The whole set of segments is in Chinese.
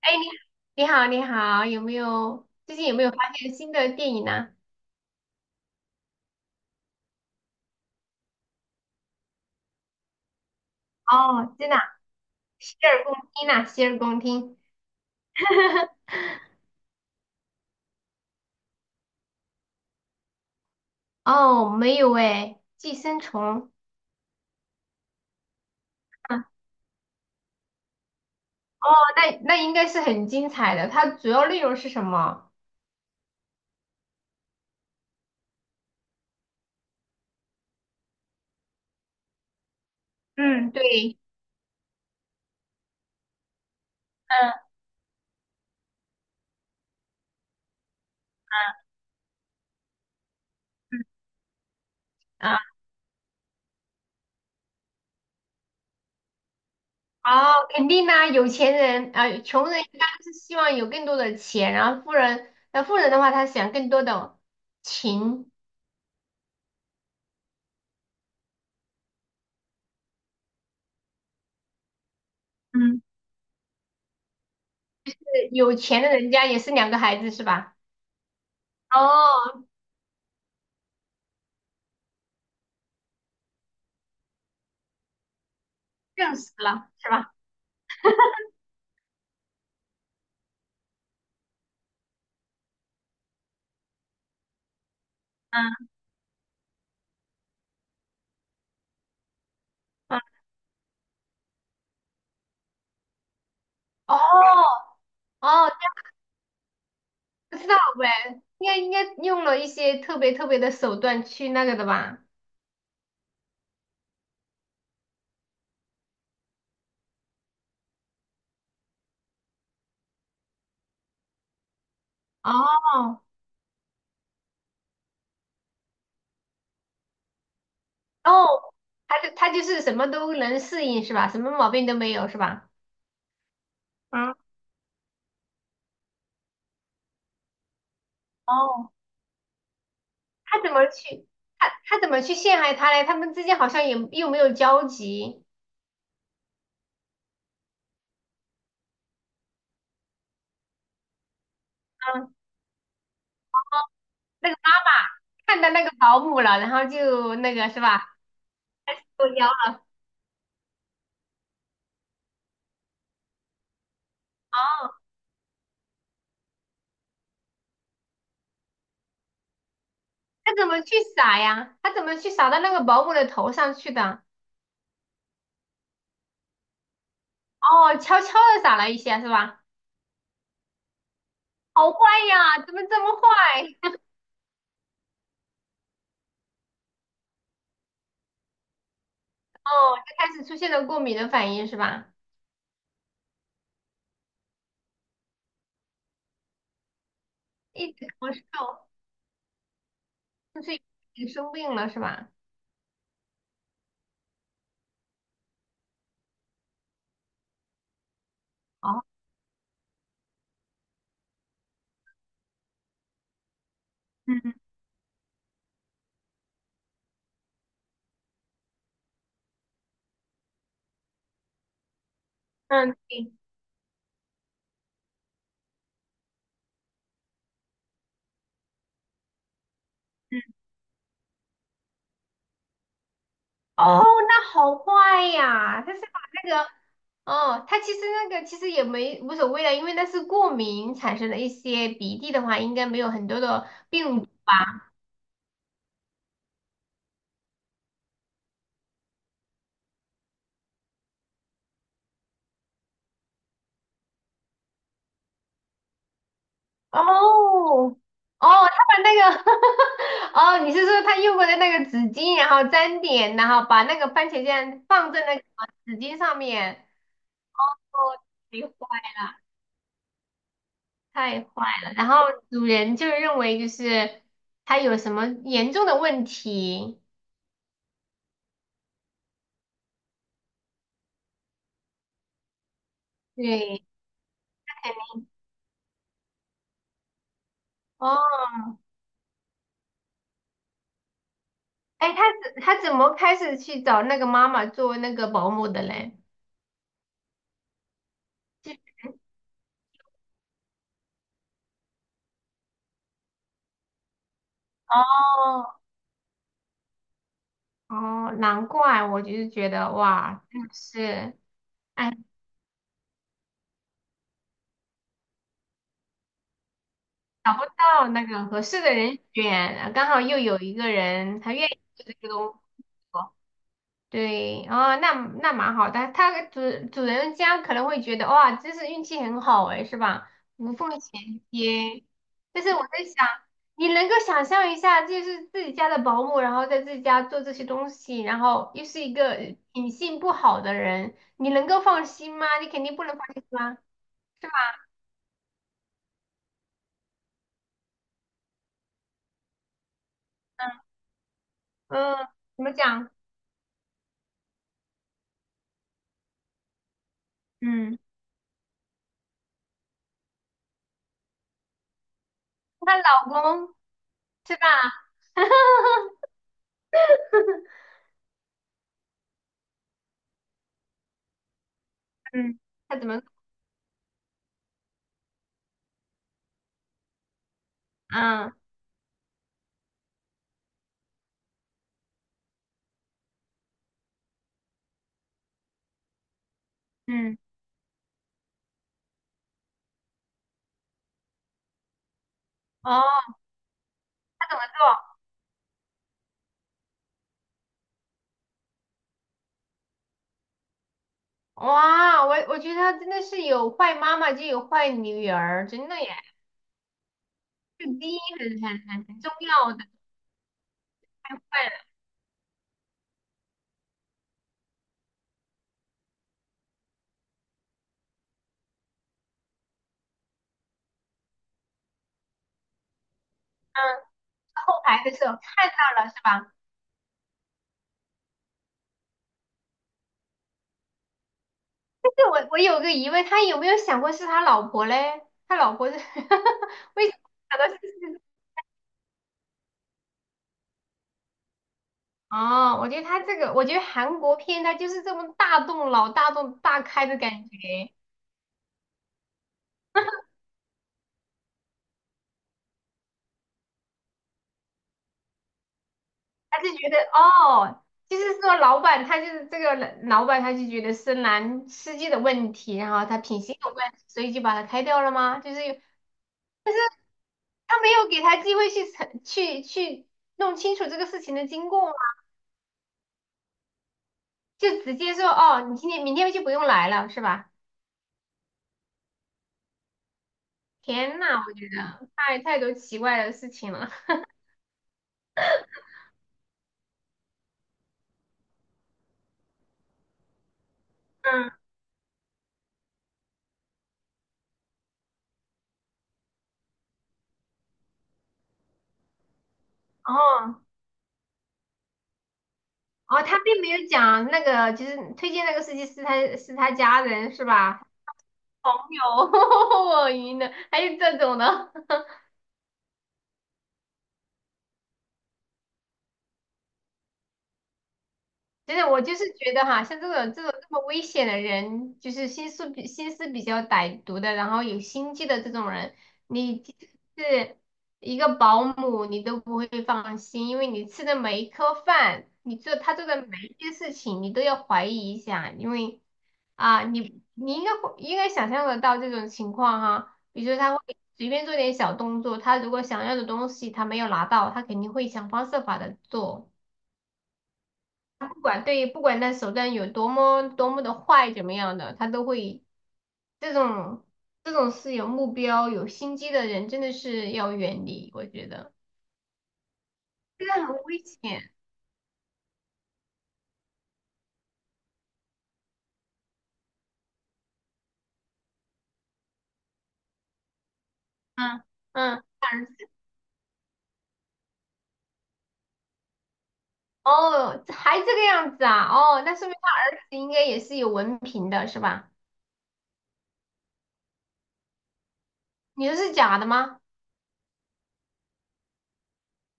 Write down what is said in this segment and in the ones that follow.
哎，你好，你好，有没有发现新的电影呢？哦，真的啊。洗耳恭听呐、洗耳恭听。哦，没有哎，《寄生虫》啊。哦，那那应该是很精彩的。它主要内容是什么？嗯，对。嗯嗯。啊，哦，肯定呐、有钱人啊、穷人一般都是希望有更多的钱，然后富人，那富人的话，他想更多的情。嗯，有钱的人家也是两个孩子是吧？哦，更死了是吧？嗯嗯。哦哦，不知道喂，应该应该用了一些特别特别的手段去那个的吧？哦哦，他就是什么都能适应是吧？什么毛病都没有是吧？嗯，哦，他怎么去他他怎么去陷害他嘞？他们之间好像也又没有交集。嗯，那个妈妈看到那个保姆了，然后就那个是吧？作妖了。哦，他怎么去撒呀？他怎么去撒到那个保姆的头上去的？哦，悄悄的撒了一下是吧？好坏呀，怎么这么坏？哦，就开始出现了过敏的反应是吧？一直咳嗽，就是已经生病了是吧？哦，嗯嗯，对。嗯，哦，那好坏呀！他是把那个，哦，他其实那个其实也没无所谓的，因为那是过敏产生的一些鼻涕的话，应该没有很多的病毒吧？哦哦，他把那个 哦，你是说他用过的那个纸巾，然后沾点，然后把那个番茄酱放在那个纸巾上面？哦，太坏了，太坏了！然后主人就认为就是他有什么严重的问题，对，哦，哎，他怎么开始去找那个妈妈做那个保姆的嘞？就是哦哦，难怪我就是觉得哇，真的是。哎，找不到那个合适的人选，刚好又有一个人他愿意做这个东作，对，哦，那那蛮好的。他主人家可能会觉得哇，真是运气很好哎，是吧？无缝衔接。但是我在想，你能够想象一下，就是自己家的保姆，然后在自己家做这些东西，然后又是一个品性不好的人，你能够放心吗？你肯定不能放心吧，是吧？嗯，怎么讲？嗯，她老公。是吧？嗯，他怎么？嗯，嗯，哦，对，哇，我觉得他真的是有坏妈妈就有坏女儿，真的耶，这个基因很重要的，太坏了。嗯，后排的时候看到了是吧？但是我有个疑问，他有没有想过是他老婆嘞？他老婆是 为什么想到是？哦，我觉得他这个，我觉得韩国片他就是这么大动脑、大动大开的感觉。他就觉得哦，就是说老板他就是这个老板就觉得是男司机的问题，然后他品行有问题，所以就把他开掉了吗？就是有，但是他没有给他机会去澄去去弄清楚这个事情的经过吗？就直接说哦，你今天明天就不用来了，是吧？天呐，我太多奇怪的事情了。嗯，哦哦，他并没有讲那个，就是推荐那个司机是他家人是吧？朋友，我晕了，还有这种的。真的，我就是觉得哈，像这种这么危险的人，就是心思比较歹毒的，然后有心机的这种人，你就是一个保姆，你都不会放心，因为你吃的每一颗饭，你做他做的每一件事情，你都要怀疑一下，因为啊，你应该会应该想象得到这种情况哈，比如说他会随便做点小动作，他如果想要的东西他没有拿到，他肯定会想方设法的做。他不管对，不管那手段有多么多么的坏，怎么样的，他都会这种这种是有目标、有心机的人，真的是要远离。我觉得这个很危险。嗯嗯，他儿子哦，还这个样子啊？哦，那说明他儿子应该也是有文凭的，是吧？你说是假的吗？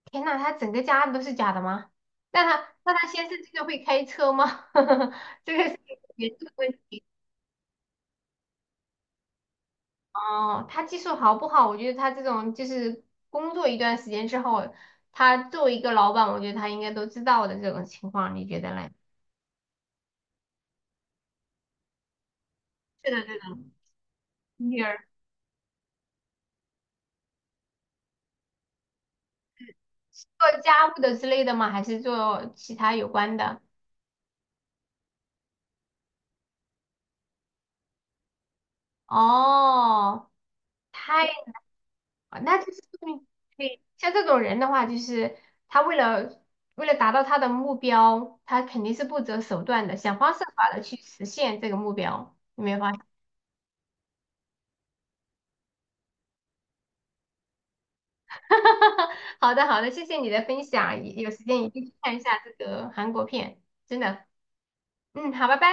天呐，他整个家都是假的吗？那他先生这个会开车吗？这个是严重问题。哦，他技术好不好？我觉得他这种就是工作一段时间之后，他作为一个老板，我觉得他应该都知道的这种情况，你觉得嘞？是的，是的。女儿做家务的之类的吗？还是做其他有关的？哦，太，那就是说明对，像这种人的话，就是他为了达到他的目标，他肯定是不择手段的，想方设法的去实现这个目标，有没有发现？好的，好的，谢谢你的分享，有时间一定去看一下这个韩国片，真的。嗯，好，拜拜。